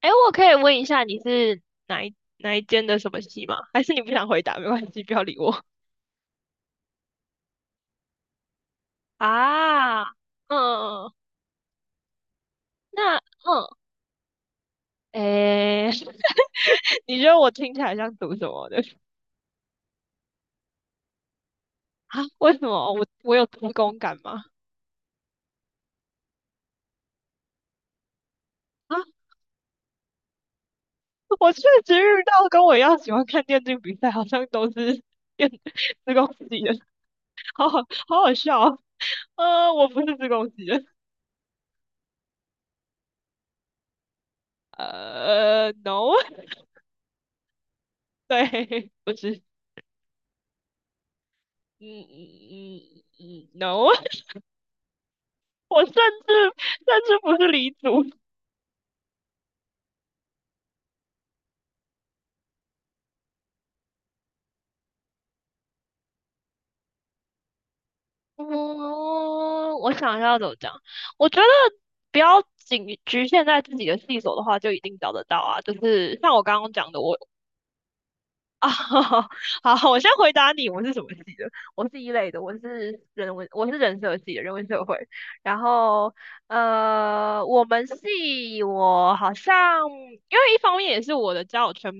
哎，我可以问一下你是哪一间的什么系吗？还是你不想回答？没关系，不要理我。啊，嗯，那嗯，哎，你觉得我听起来像读什么的？啊，为什么我有读工感吗？啊，我确实遇到跟我一样喜欢看电竞比赛，好像都是电 自贡系的，好好，好好笑哦。我不是自贡系的，no，对，不是，嗯嗯嗯嗯嗯，no。我甚至不是离族。嗯，我想一下要怎么讲。我觉得不要仅局限在自己的细所的话，就一定找得到啊。就是像我刚刚讲的，我啊，好，我先回答你，我是什么系的？我是一类的，我是人文，我是人社系的，人文社会。然后，我们系我好像，因为一方面也是我的交友圈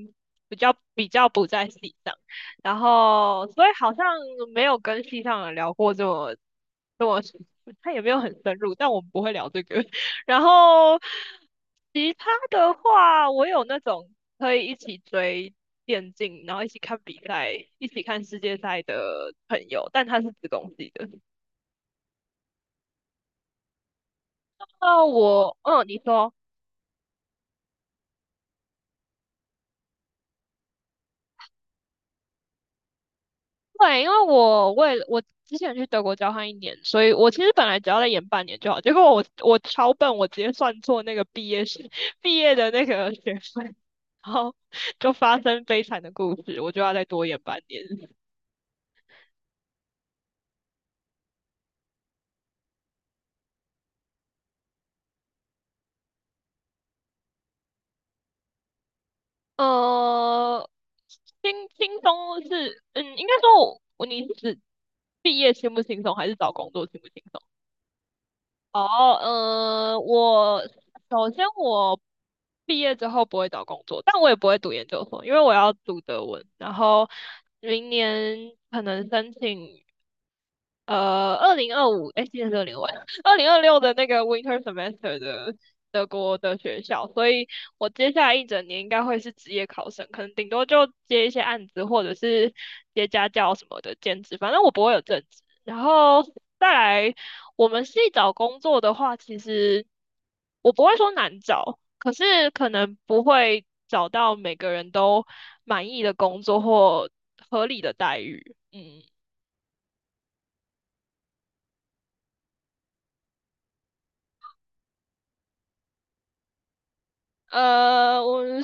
比较不在系上，然后所以好像没有跟系上的聊过这么，他也没有很深入，但我们不会聊这个。然后其他的话，我有那种可以一起追，电竞，然后一起看比赛，一起看世界赛的朋友，但他是子公系的。那我，嗯，你说，对，因为我为了我之前去德国交换一年，所以我其实本来只要再延半年就好，结果我超笨，我直接算错那个毕业是 毕业的那个学分，然后就发生悲惨的故事，我就要再多延半年。呃，轻轻松是，嗯，应该说我，你是指毕业轻不轻松，还是找工作轻不轻松？哦，我首先我毕业之后不会找工作，但我也不会读研究所，因为我要读德文，然后明年可能申请二零二五，哎，今年是二零二五2026的那个 winter semester 的德国的学校，所以我接下来一整年应该会是职业考生，可能顶多就接一些案子或者是接家教什么的兼职，反正我不会有正职，然后。再来我们系找工作的话，其实我不会说难找，可是可能不会找到每个人都满意的工作或合理的待遇。嗯，我们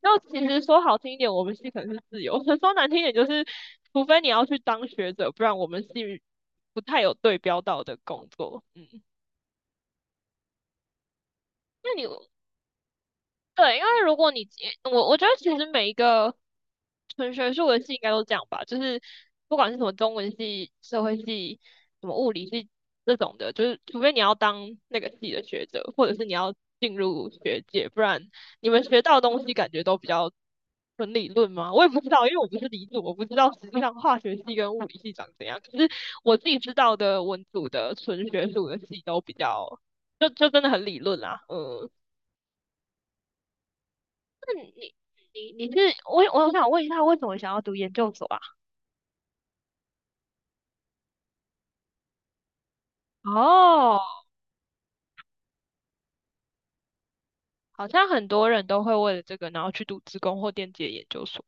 要其实说好听一点，我们系可能是自由；说难听一点，就是除非你要去当学者，不然我们系不太有对标到的工作。嗯，那你对，因为如果你我觉得其实每一个纯学术的系应该都这样吧，就是不管是什么中文系、社会系、什么物理系这种的，就是除非你要当那个系的学者，或者是你要进入学界，不然你们学到的东西感觉都比较纯理论吗？我也不知道，因为我不是理组，我不知道实际上化学系跟物理系长怎样。可是我自己知道的文组的纯学术的系都比较，就真的很理论啦，嗯。你你你是我想问一下，为什么想要读研究所啊？哦，好像很多人都会为了这个，然后去读职工或电机的研究所。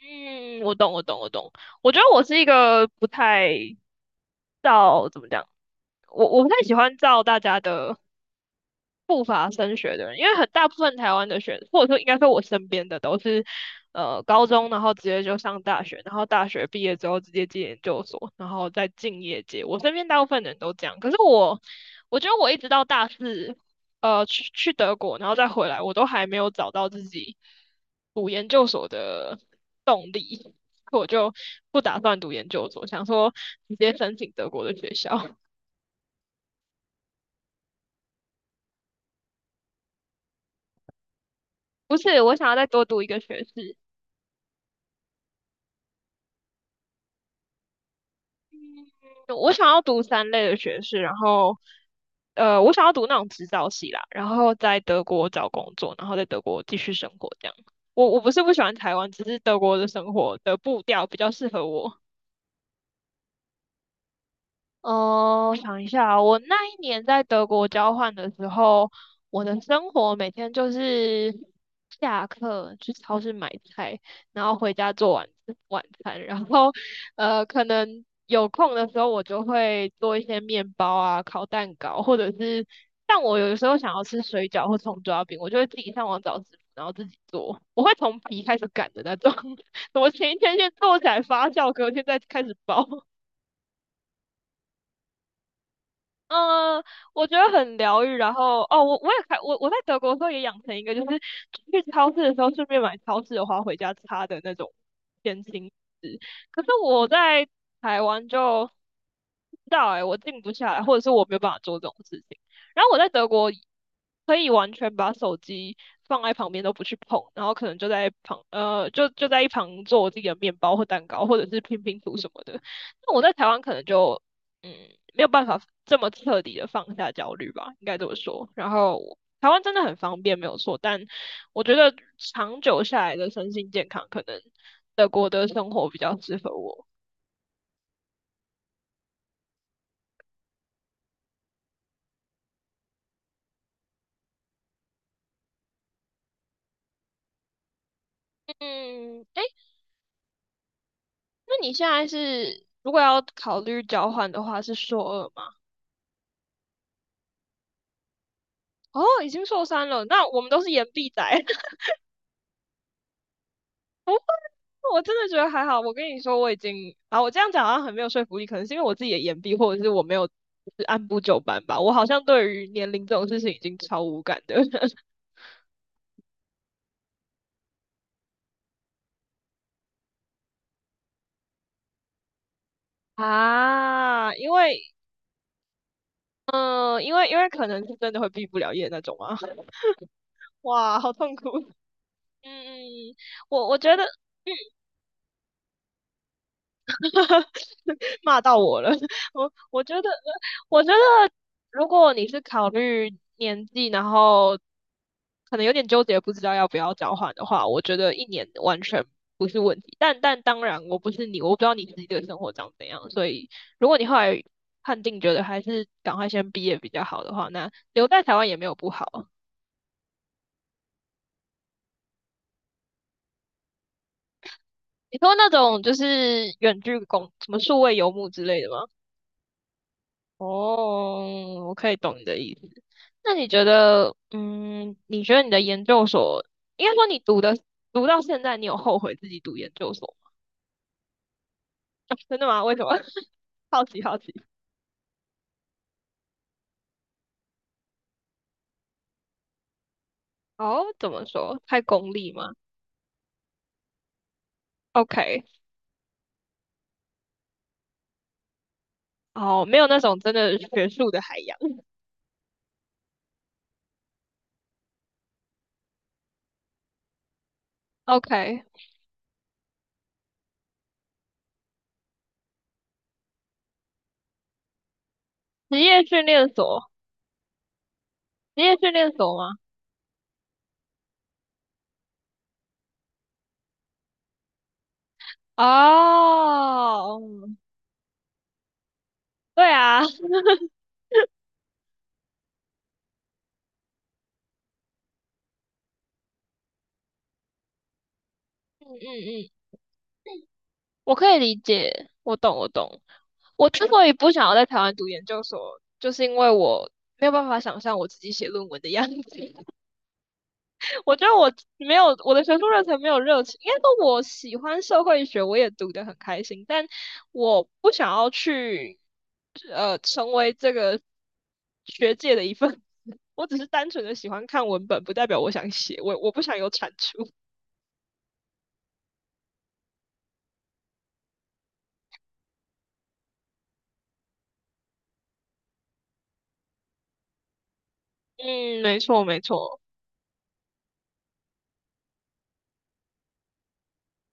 嗯，我懂，我懂，我懂。我觉得我是一个不太照怎么讲，我不太喜欢照大家的不乏升学的人，因为很大部分台湾的学，或者说应该说我身边的都是，高中然后直接就上大学，然后大学毕业之后直接进研究所，然后再进业界。我身边大部分人都这样，可是我，我觉得我一直到大四，去德国，然后再回来，我都还没有找到自己读研究所的动力，我就不打算读研究所，想说直接申请德国的学校。不是，我想要再多读一个学士。我想要读三类的学士，然后我想要读那种指导系啦，然后在德国找工作，然后在德国继续生活这样。我不是不喜欢台湾，只是德国的生活的步调比较适合我。哦，我想一下啊我那一年在德国交换的时候，我的生活每天就是下课去超市买菜，然后回家做晚餐，然后可能有空的时候我就会做一些面包啊、烤蛋糕，或者是像我有的时候想要吃水饺或葱抓饼，我就会自己上网找食谱，然后自己做，我会从皮开始擀的那种，我前一天先做起来发酵，隔天再开始包。嗯，我觉得很疗愈。然后哦，我我也开我我在德国的时候也养成一个，就是去超市的时候顺便买超市的花回家插的那种偏心纸。可是我在台湾就不知道哎、我静不下来，或者是我没有办法做这种事情。然后我在德国可以完全把手机放在旁边都不去碰，然后可能就在一旁做我自己的面包或蛋糕，或者是拼拼图什么的。那我在台湾可能就嗯，没有办法这么彻底的放下焦虑吧，应该这么说。然后台湾真的很方便，没有错，但我觉得长久下来的身心健康，可能德国的生活比较适合我。嗯，哎，那你现在是如果要考虑交换的话，是硕二吗？哦，已经硕三了，那我们都是延毕仔。我真的觉得还好。我跟你说，我已经啊，我这样讲好像很没有说服力，可能是因为我自己的言必，或者是我没有就是按部就班吧。我好像对于年龄这种事情已经超无感的 啊，因为嗯、呃因为因为可能是真的会毕不了业那种啊。哇，好痛苦。嗯嗯，我觉得。骂到我了。我觉得，我觉得如果你是考虑年纪，然后可能有点纠结，不知道要不要交换的话，我觉得一年完全不是问题。但当然，我不是你，我不知道你自己的生活长怎样，所以如果你后来判定觉得还是赶快先毕业比较好的话，那留在台湾也没有不好啊。你说那种就是远距工，什么数位游牧之类的吗？哦，我可以懂你的意思。那你觉得，嗯，你觉得你的研究所，应该说你读到现在，你有后悔自己读研究所吗？真的吗？为什么？好奇好奇。哦，怎么说？太功利吗？OK，哦，没有那种真的学术的海洋。OK，职业训练所，职业训练所吗？哦，嗯对啊，嗯嗯我可以理解，我懂，我懂。我之所以不想要在台湾读研究所，就是因为我没有办法想象我自己写论文的样子。我觉得我没有我的学术热忱，没有热情。应该说我喜欢社会学，我也读得很开心，但我不想要去成为这个学界的一份子。我只是单纯的喜欢看文本，不代表我想写，我不想有产出。嗯，没错，没错。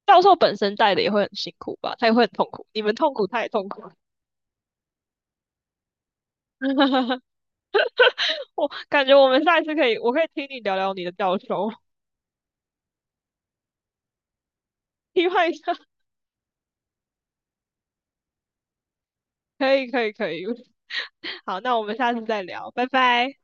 教授本身带的也会很辛苦吧，他也会很痛苦，你们痛苦，他也痛苦。我感觉我们下一次可以，我可以听你聊聊你的教授，批判一下，可以，可以，可以。好，那我们下次再聊，拜拜。